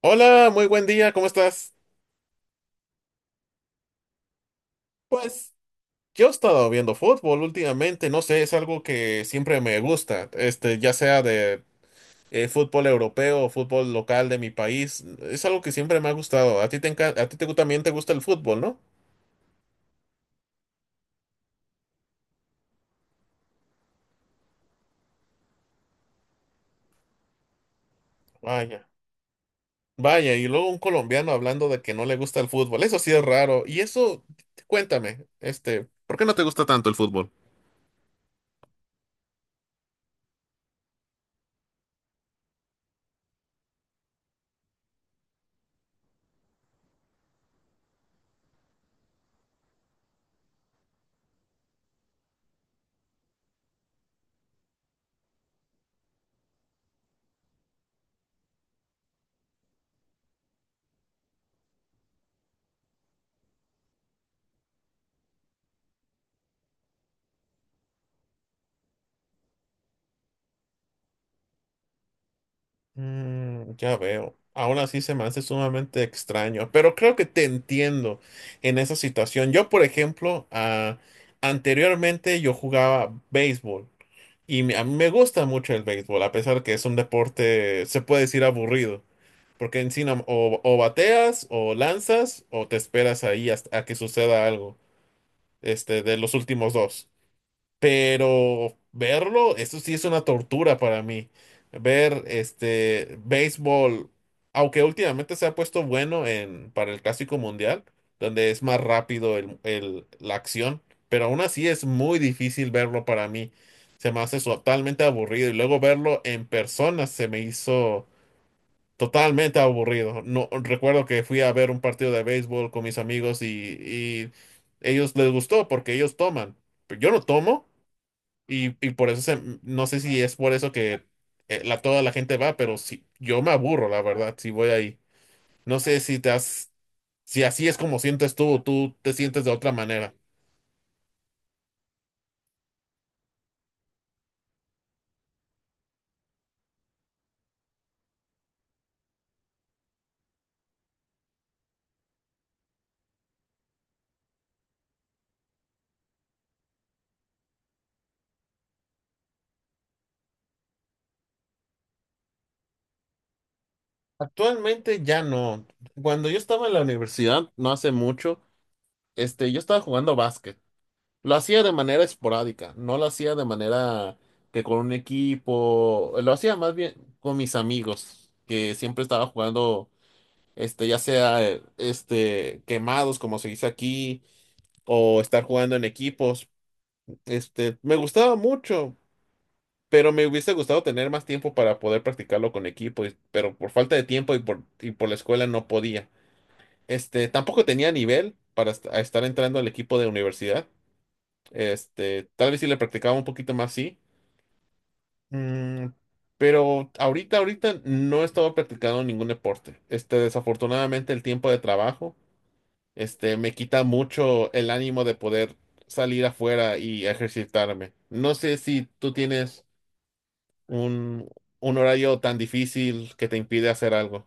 Hola, muy buen día, ¿cómo estás? Pues yo he estado viendo fútbol últimamente, no sé, es algo que siempre me gusta, ya sea de fútbol europeo o fútbol local de mi país, es algo que siempre me ha gustado. A ti te gu- también te gusta el fútbol, ¿no? Vaya. Vaya, y luego un colombiano hablando de que no le gusta el fútbol, eso sí es raro. Y eso, cuéntame, ¿por qué no te gusta tanto el fútbol? Mm, ya veo. Aún así se me hace sumamente extraño, pero creo que te entiendo en esa situación. Yo, por ejemplo, anteriormente yo jugaba béisbol y me- a mí me gusta mucho el béisbol, a pesar que es un deporte, se puede decir aburrido, porque en sí no- o bateas o lanzas o te esperas ahí hasta a que suceda algo, de los últimos dos. Pero verlo, eso sí es una tortura para mí. Ver este béisbol, aunque últimamente se ha puesto bueno en, para el Clásico Mundial, donde es más rápido la acción, pero aún así es muy difícil verlo para mí. Se me hace totalmente aburrido y luego verlo en persona se me hizo totalmente aburrido. No, recuerdo que fui a ver un partido de béisbol con mis amigos y ellos les gustó porque ellos toman, pero yo no tomo. Y por eso se- no sé si es por eso que toda la gente va, pero sí, yo me aburro, la verdad, si voy ahí. No sé si te has, si así es como sientes tú, o tú te sientes de otra manera. Actualmente ya no. Cuando yo estaba en la universidad, no hace mucho, yo estaba jugando básquet. Lo hacía de manera esporádica, no lo hacía de manera que con un equipo, lo hacía más bien con mis amigos, que siempre estaba jugando ya sea quemados, como se dice aquí, o estar jugando en equipos. Me gustaba mucho, pero me hubiese gustado tener más tiempo para poder practicarlo con equipo, y- pero por falta de tiempo y por la escuela no podía. Tampoco tenía nivel para est- a estar entrando al equipo de universidad. Tal vez si le practicaba un poquito más, sí. Mm, pero ahorita no he estado practicando ningún deporte. Desafortunadamente el tiempo de trabajo. Me quita mucho el ánimo de poder salir afuera y ejercitarme. No sé si tú tienes un, un horario tan difícil que te impide hacer algo.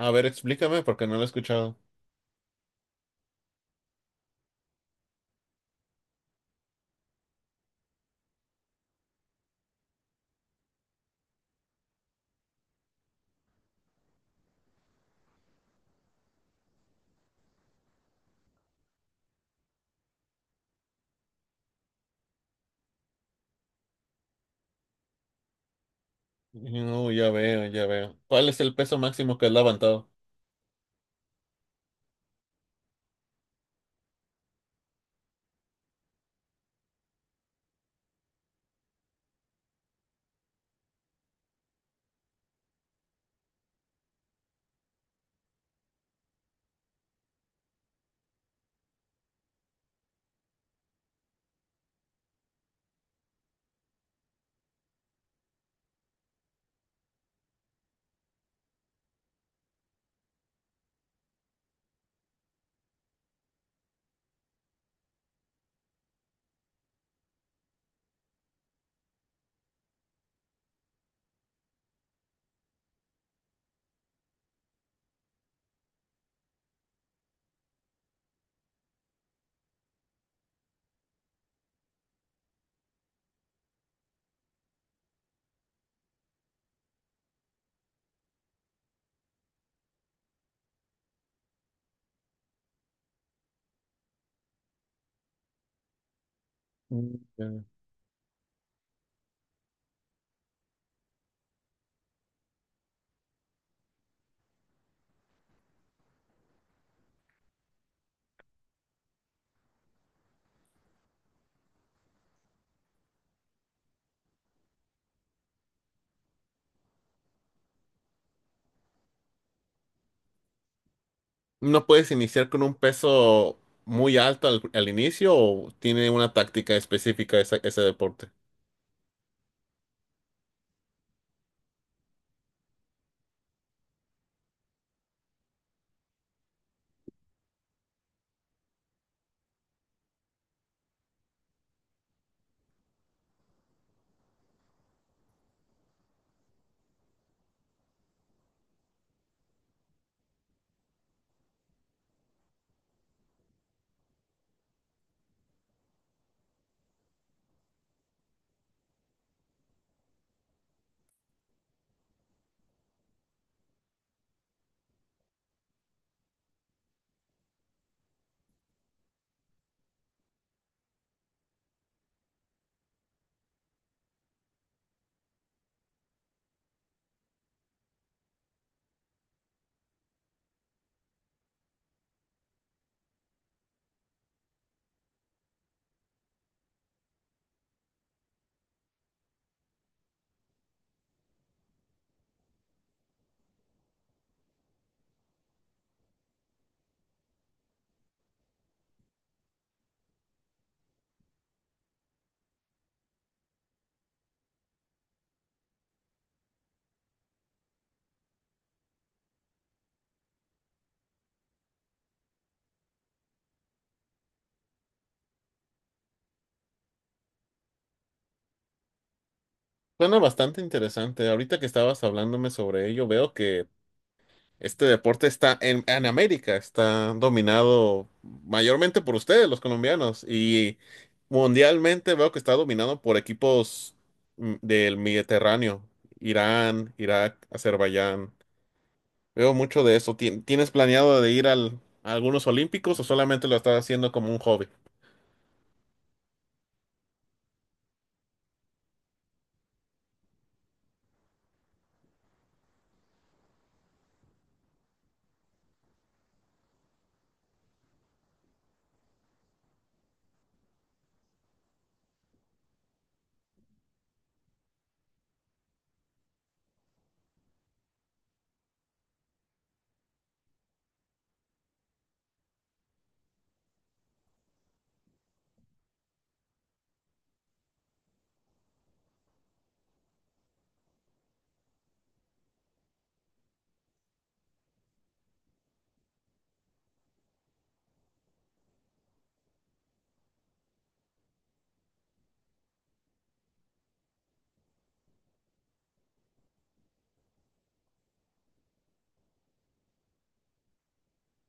A ver, explícame porque no lo he escuchado. No, ya veo, ya veo. ¿Cuál es el peso máximo que has levantado? Mm, ya. ¿No puedes iniciar con un peso muy alto al inicio o tiene una táctica específica esa- ese deporte? Suena bastante interesante. Ahorita que estabas hablándome sobre ello, veo que este deporte está en América, está dominado mayormente por ustedes, los colombianos, y mundialmente veo que está dominado por equipos del Mediterráneo, Irán, Irak, Azerbaiyán. Veo mucho de eso. Tien- ¿Tienes planeado de ir a algunos olímpicos o solamente lo estás haciendo como un hobby?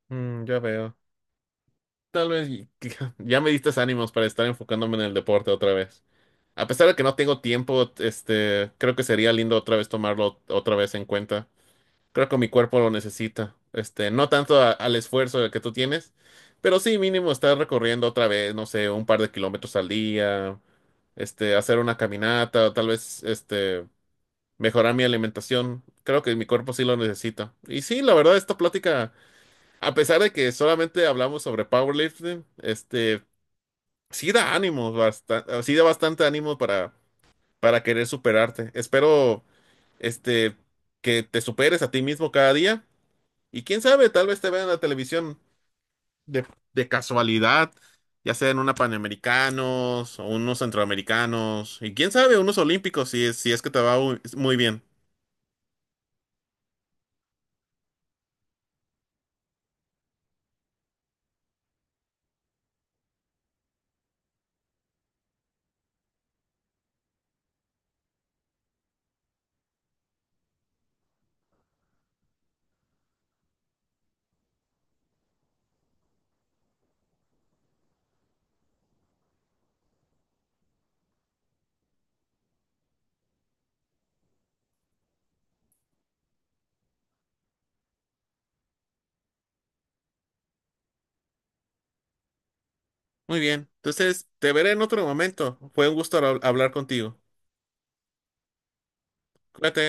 Mm, ya veo. Tal vez y- ya me diste ánimos para estar enfocándome en el deporte otra vez. A pesar de que no tengo tiempo, creo que sería lindo otra vez tomarlo otra vez en cuenta. Creo que mi cuerpo lo necesita. No tanto a- al esfuerzo que tú tienes, pero sí mínimo estar recorriendo otra vez, no sé, un par de kilómetros al día, hacer una caminata, o tal vez, mejorar mi alimentación. Creo que mi cuerpo sí lo necesita. Y sí, la verdad, esta plática, a pesar de que solamente hablamos sobre powerlifting, sí da ánimos, basta- sí da bastante ánimo para querer superarte. Espero, este, que te superes a ti mismo cada día y quién sabe, tal vez te vean en la televisión de, de casualidad, ya sea en una Panamericanos o unos Centroamericanos, y quién sabe, unos Olímpicos, si es, si es que te va muy, muy bien. Muy bien. Entonces, te veré en otro momento. Fue un gusto hab- hablar contigo. Cuídate.